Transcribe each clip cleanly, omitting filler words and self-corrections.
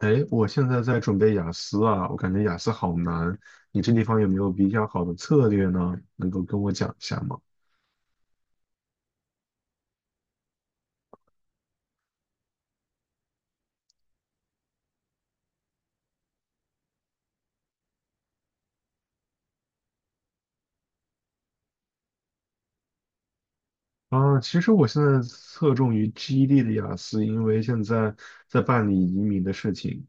哎，我现在在准备雅思啊，我感觉雅思好难。你这地方有没有比较好的策略呢？能够跟我讲一下吗？啊，其实我现在侧重于 g e D 的雅思，因为现在在办理移民的事情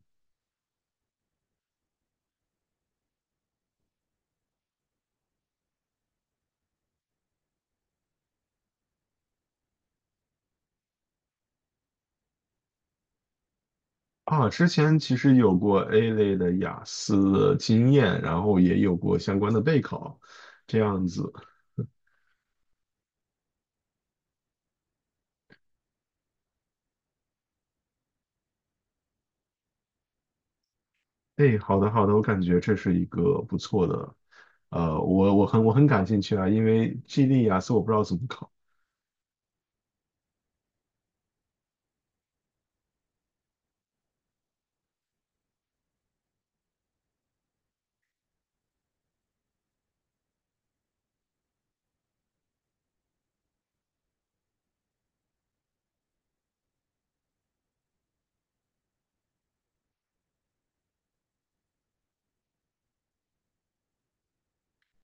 啊。之前其实有过 A 类的雅思的经验，然后也有过相关的备考，这样子。哎，好的好的，我感觉这是一个不错的，呃，我我很我很感兴趣啊，因为 GD 雅思我不知道怎么考。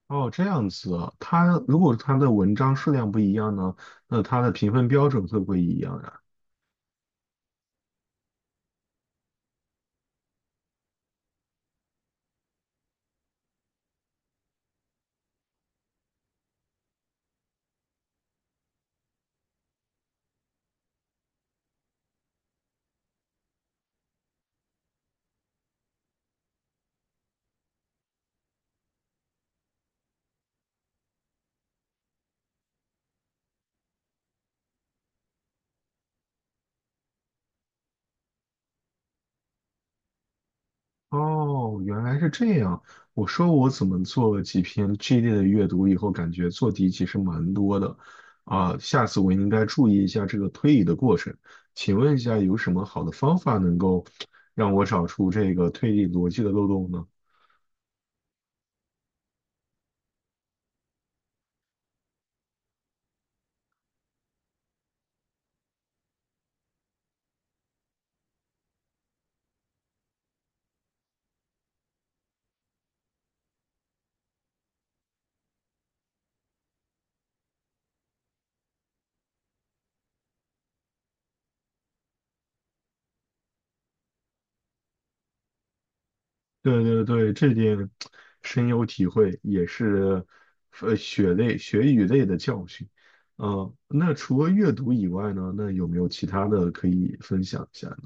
哦，这样子啊，它如果它的文章数量不一样呢，那它的评分标准会不会一样呀？哦，原来是这样。我说我怎么做了几篇 GD 的阅读以后，感觉做题其实蛮多的，啊，下次我应该注意一下这个推理的过程。请问一下，有什么好的方法能够让我找出这个推理逻辑的漏洞呢？对对对，这点深有体会，也是血与泪的教训。那除了阅读以外呢，那有没有其他的可以分享一下呢？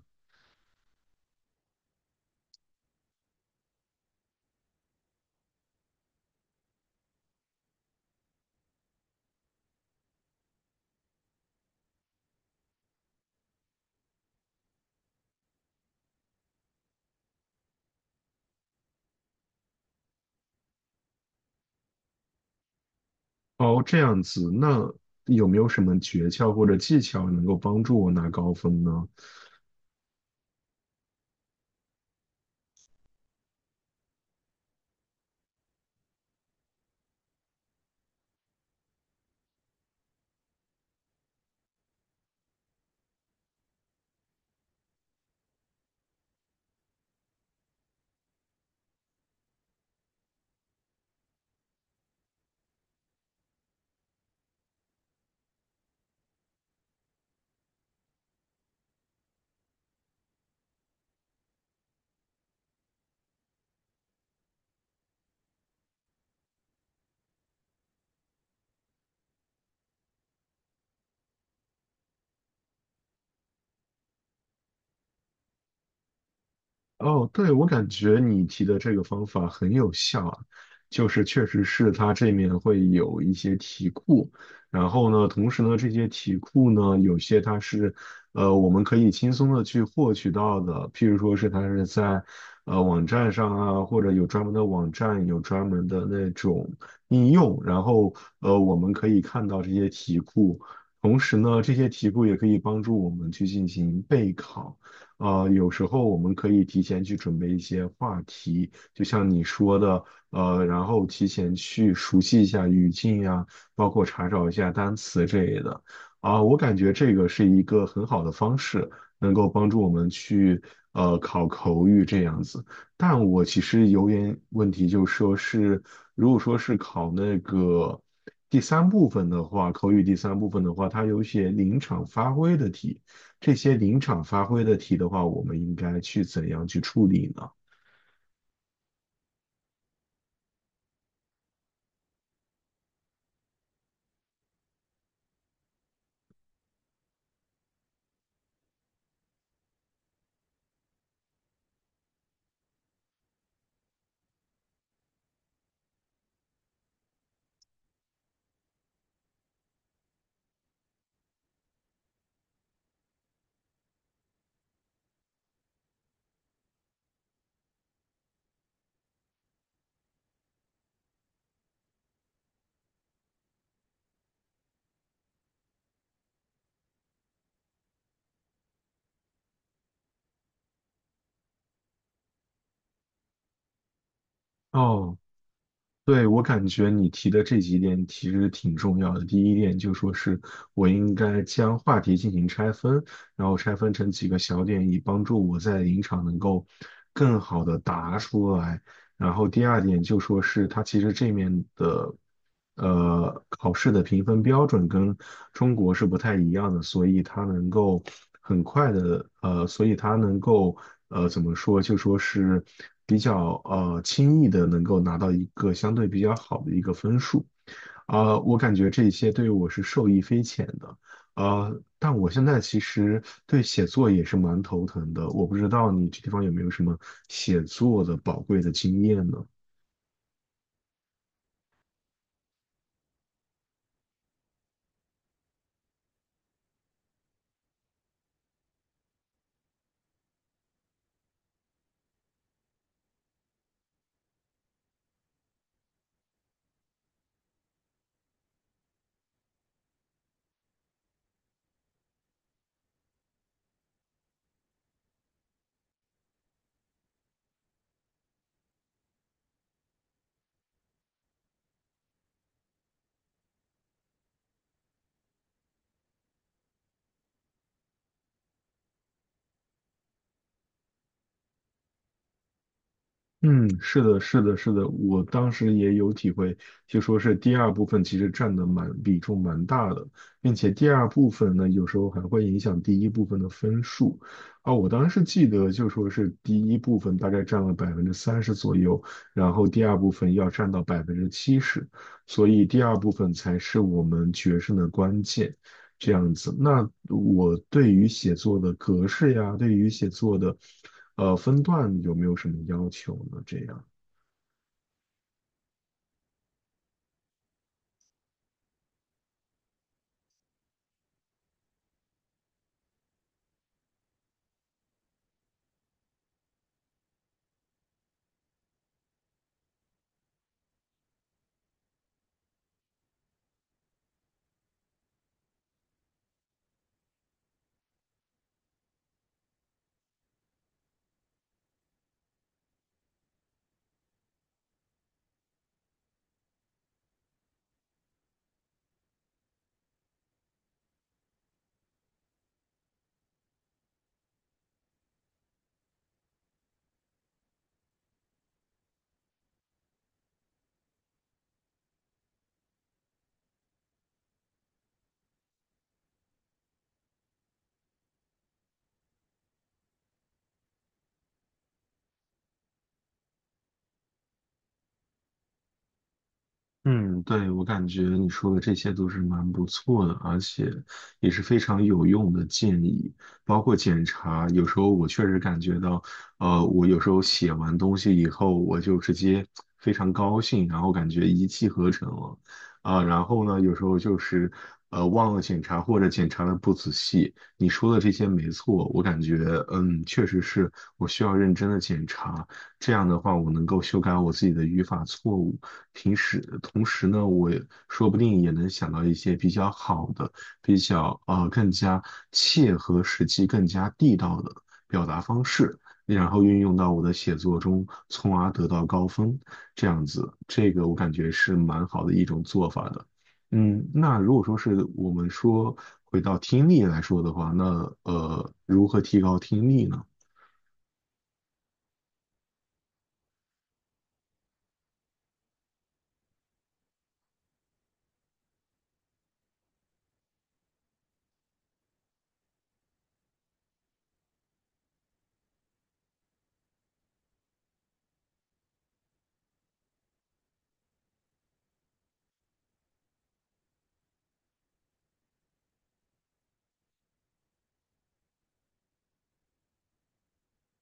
哦，这样子，那有没有什么诀窍或者技巧能够帮助我拿高分呢？哦，对，我感觉你提的这个方法很有效啊，就是确实是它这面会有一些题库，然后呢，同时呢，这些题库呢，有些它是，我们可以轻松的去获取到的，譬如说是它是在，网站上啊，或者有专门的网站，有专门的那种应用，然后，我们可以看到这些题库，同时呢，这些题库也可以帮助我们去进行备考。有时候我们可以提前去准备一些话题，就像你说的，然后提前去熟悉一下语境呀，包括查找一下单词之类的。啊，我感觉这个是一个很好的方式，能够帮助我们去考口语这样子。但我其实有点问题，就是说是如果说是考那个第三部分的话，口语第三部分的话，它有一些临场发挥的题。这些临场发挥的题的话，我们应该去怎样去处理呢？哦，对，我感觉你提的这几点其实挺重要的。第一点就说是我应该将话题进行拆分，然后拆分成几个小点，以帮助我在临场能够更好的答出来。然后第二点就说是它其实这面的考试的评分标准跟中国是不太一样的，所以它能够很快的，呃，所以它能够呃怎么说，就说是比较轻易的能够拿到一个相对比较好的一个分数。我感觉这些对我是受益匪浅的，但我现在其实对写作也是蛮头疼的，我不知道你这地方有没有什么写作的宝贵的经验呢？嗯，是的，是的，是的，我当时也有体会，就说是第二部分其实占的比重蛮大的，并且第二部分呢，有时候还会影响第一部分的分数。啊，我当时记得就说是第一部分大概占了30%左右，然后第二部分要占到70%，所以第二部分才是我们决胜的关键。这样子。那我对于写作的格式呀，对于写作的分段有没有什么要求呢？这样。嗯，对，我感觉你说的这些都是蛮不错的，而且也是非常有用的建议，包括检查。有时候我确实感觉到，我有时候写完东西以后，我就直接非常高兴，然后感觉一气呵成了，啊、然后呢，有时候就是忘了检查或者检查的不仔细。你说的这些没错，我感觉确实是我需要认真的检查，这样的话我能够修改我自己的语法错误。平时同时呢，我也说不定也能想到一些比较好的、比较更加切合实际、更加地道的表达方式，然后运用到我的写作中，从而得到高分。这样子，这个我感觉是蛮好的一种做法的。嗯，那如果说是我们说回到听力来说的话，那如何提高听力呢？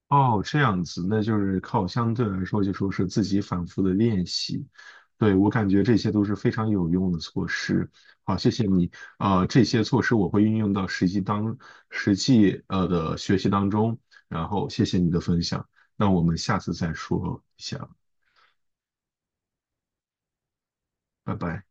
哦，这样子，那就是靠相对来说，就说是自己反复的练习。对，我感觉这些都是非常有用的措施。好，谢谢你。这些措施我会运用到实际的学习当中。然后谢谢你的分享，那我们下次再说一下，拜拜。